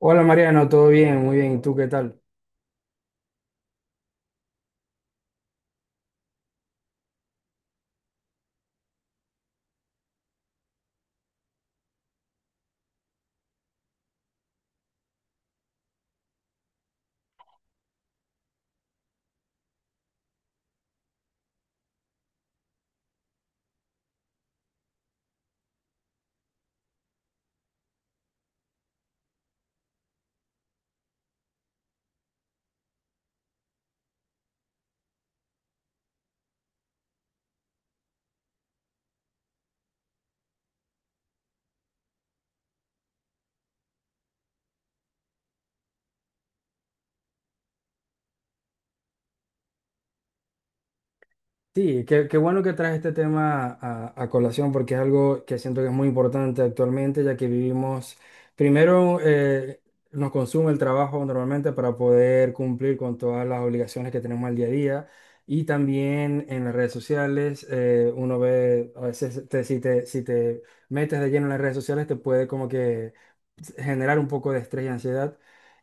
Hola Mariano, ¿todo bien? Muy bien. ¿Y tú qué tal? Sí, qué bueno que traes este tema a colación porque es algo que siento que es muy importante actualmente, ya que vivimos, primero nos consume el trabajo normalmente para poder cumplir con todas las obligaciones que tenemos al día a día, y también en las redes sociales uno ve, a veces si te metes de lleno en las redes sociales te puede como que generar un poco de estrés y ansiedad.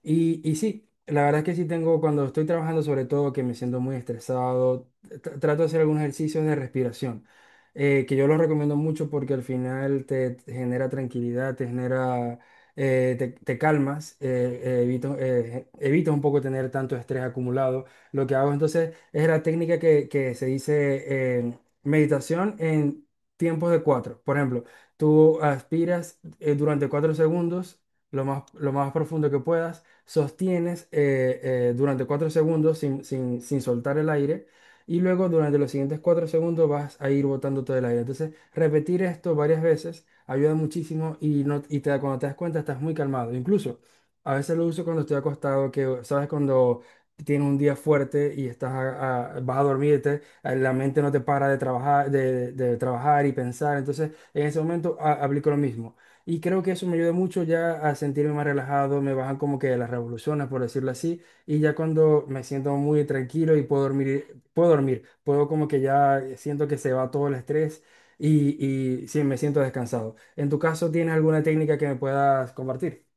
Y sí, la verdad es que sí tengo, cuando estoy trabajando sobre todo, que me siento muy estresado, trato de hacer algunos ejercicios de respiración, que yo los recomiendo mucho porque al final te genera tranquilidad, te genera, te calmas, evitas un poco tener tanto estrés acumulado. Lo que hago entonces es la técnica que se dice, meditación en tiempos de cuatro. Por ejemplo, tú aspiras durante cuatro segundos. Lo más profundo que puedas, sostienes durante cuatro segundos sin soltar el aire, y luego durante los siguientes 4 segundos vas a ir botando todo el aire. Entonces, repetir esto varias veces ayuda muchísimo y, no, cuando te das cuenta estás muy calmado. Incluso a veces lo uso cuando estoy acostado, que sabes cuando tienes un día fuerte y estás vas a dormirte, la mente no te para de trabajar, de trabajar y pensar. Entonces, en ese momento aplico lo mismo. Y creo que eso me ayuda mucho ya a sentirme más relajado, me bajan como que las revoluciones, por decirlo así, y ya cuando me siento muy tranquilo y puedo dormir, puedo como que ya siento que se va todo el estrés y, y sí, me siento descansado. ¿En tu caso tienes alguna técnica que me puedas compartir?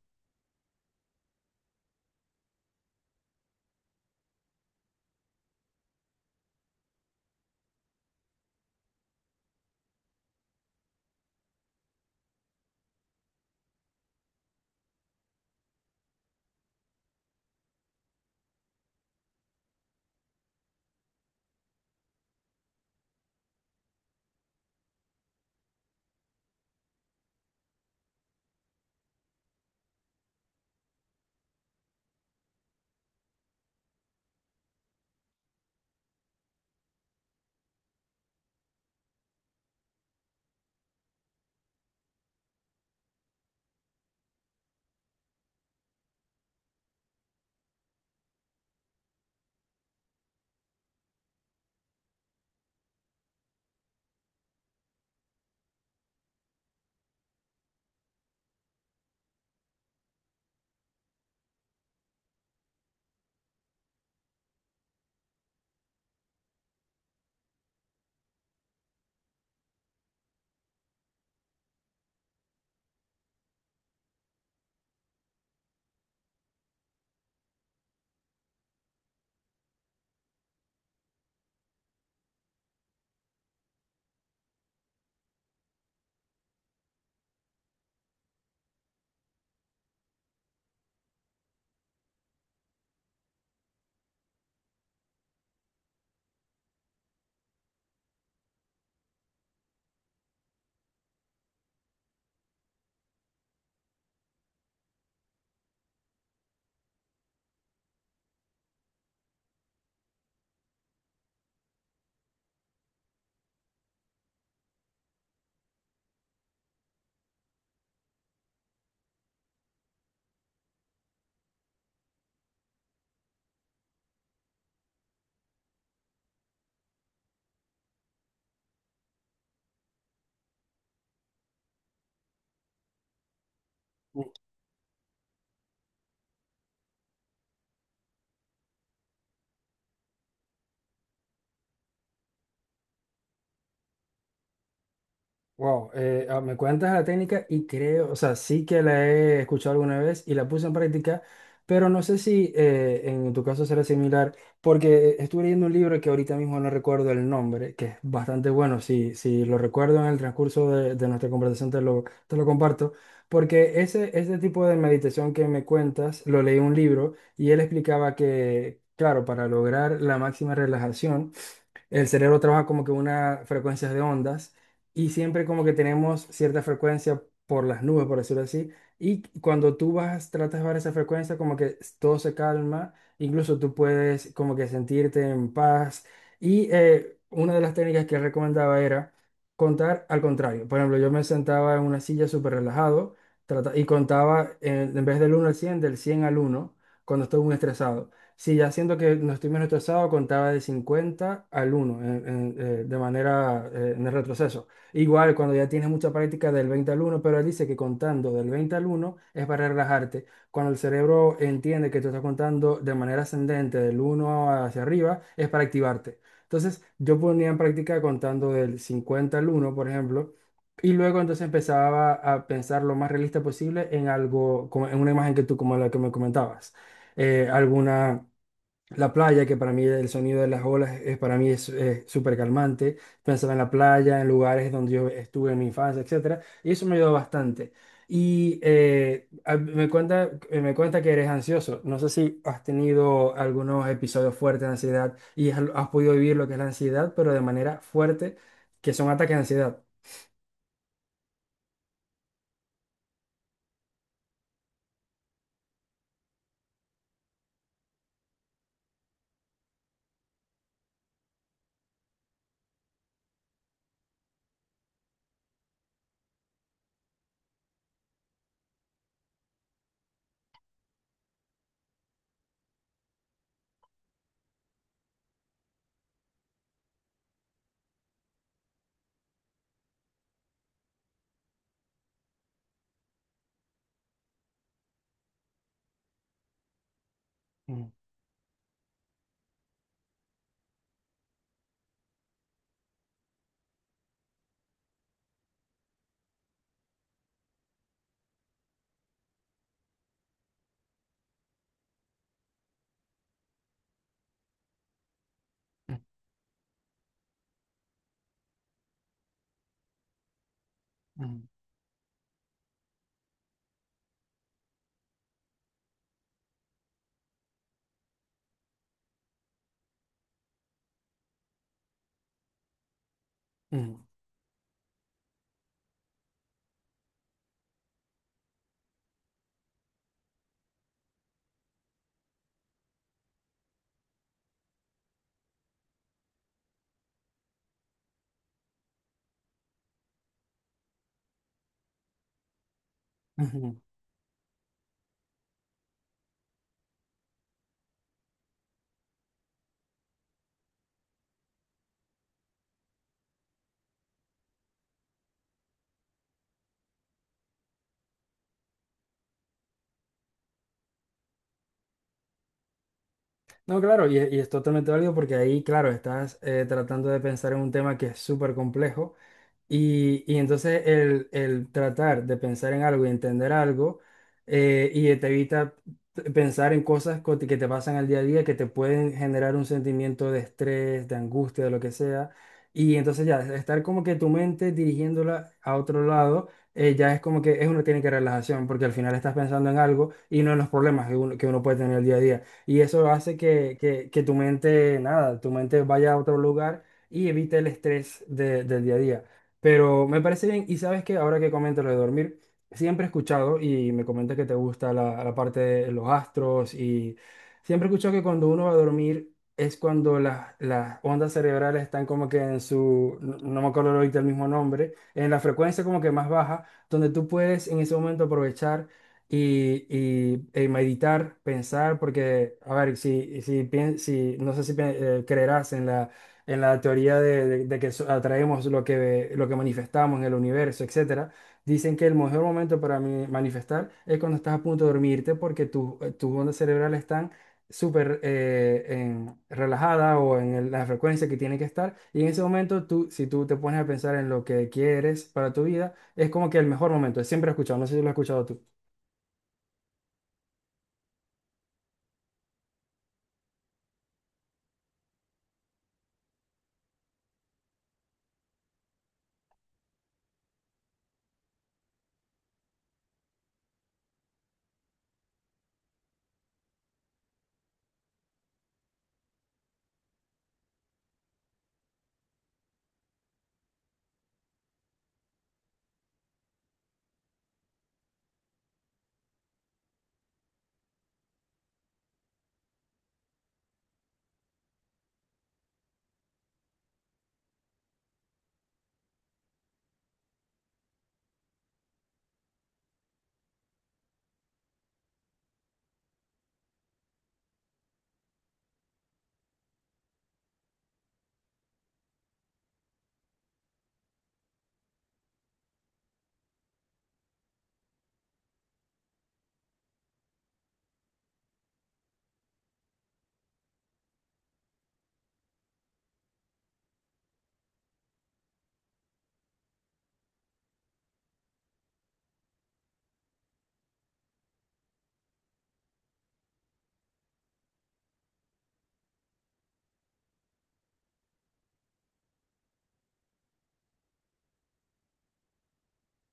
Wow, me cuentas la técnica y creo, o sea, sí que la he escuchado alguna vez y la puse en práctica, pero no sé si en tu caso será similar, porque estuve leyendo un libro que ahorita mismo no recuerdo el nombre, que es bastante bueno. Si, si lo recuerdo en el transcurso de nuestra conversación te lo comparto, porque ese tipo de meditación que me cuentas, lo leí en un libro y él explicaba que, claro, para lograr la máxima relajación, el cerebro trabaja como que una frecuencias de ondas, y siempre como que tenemos cierta frecuencia por las nubes, por decirlo así. Y cuando tú vas, tratas de bajar esa frecuencia, como que todo se calma, incluso tú puedes como que sentirte en paz. Y una de las técnicas que recomendaba era contar al contrario. Por ejemplo, yo me sentaba en una silla súper relajado, y contaba, en vez del uno al cien, del 100 al uno, cuando estoy muy estresado. Sí, ya siento que no estoy menos retrasado, contaba de 50 al uno de manera, en el retroceso. Igual cuando ya tienes mucha práctica del 20 al uno, pero él dice que contando del 20 al uno es para relajarte. Cuando el cerebro entiende que tú estás contando de manera ascendente del uno hacia arriba, es para activarte. Entonces yo ponía en práctica contando del 50 al uno, por ejemplo, y luego entonces empezaba a pensar lo más realista posible en algo, como en una imagen que tú, como la que me comentabas, alguna, la playa, que para mí el sonido de las olas es, para mí es, súper calmante. Pensaba en la playa, en lugares donde yo estuve en mi infancia, etcétera, y eso me ayudó bastante. Y me cuenta que eres ansioso. No sé si has tenido algunos episodios fuertes de ansiedad y has podido vivir lo que es la ansiedad, pero de manera fuerte, que son ataques de ansiedad. Ujú, ujú, ujú, ujú. No, claro, y es totalmente válido porque ahí, claro, estás tratando de pensar en un tema que es súper complejo. Y entonces el tratar de pensar en algo y entender algo, y te evita pensar en que te pasan al día a día, que te pueden generar un sentimiento de estrés, de angustia, de lo que sea. Y entonces ya, estar como que tu mente dirigiéndola a otro lado, ya es como que es una tiene que relajación, porque al final estás pensando en algo y no en los problemas que que uno puede tener el día a día. Y eso hace que tu mente, nada, tu mente vaya a otro lugar y evite el estrés del día a día. Pero me parece bien, y sabes que ahora que comento lo de dormir, siempre he escuchado, y me comentas que te gusta la, la parte de los astros, y siempre he escuchado que cuando uno va a dormir es cuando las ondas cerebrales están como que en su, no, no me acuerdo ahorita el mismo nombre, en la frecuencia como que más baja, donde tú puedes en ese momento aprovechar y, meditar, pensar, porque, a ver, si no sé si creerás en la, en la teoría de que atraemos lo que manifestamos en el universo, etcétera. Dicen que el mejor momento para manifestar es cuando estás a punto de dormirte porque tus ondas cerebrales están súper relajadas, o en la frecuencia que tiene que estar. Y en ese momento, tú, si tú te pones a pensar en lo que quieres para tu vida, es como que el mejor momento. Siempre he escuchado, no sé si lo has escuchado tú.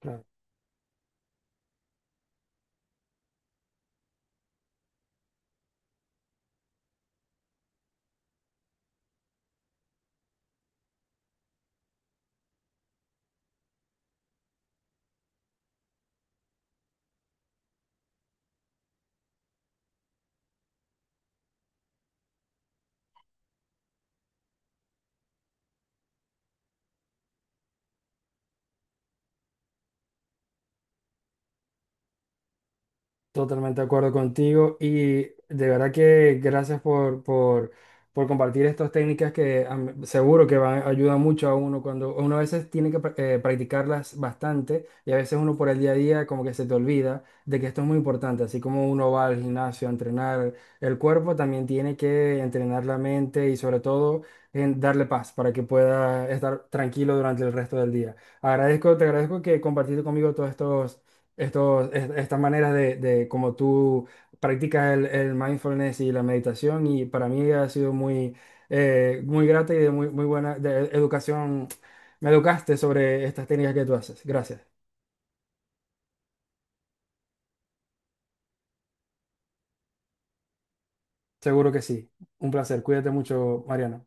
Claro. Totalmente de acuerdo contigo y de verdad que gracias por compartir estas técnicas que am, seguro que van, ayudan mucho a uno cuando uno a veces tiene que practicarlas bastante, y a veces uno por el día a día como que se te olvida de que esto es muy importante. Así como uno va al gimnasio a entrenar el cuerpo, también tiene que entrenar la mente y sobre todo en darle paz para que pueda estar tranquilo durante el resto del día. Agradezco, te agradezco que compartiste conmigo todos estas maneras de cómo tú practicas el mindfulness y la meditación, y para mí ha sido muy, muy grata y de muy, muy buena de educación. Me educaste sobre estas técnicas que tú haces. Gracias. Seguro que sí. Un placer. Cuídate mucho, Mariana.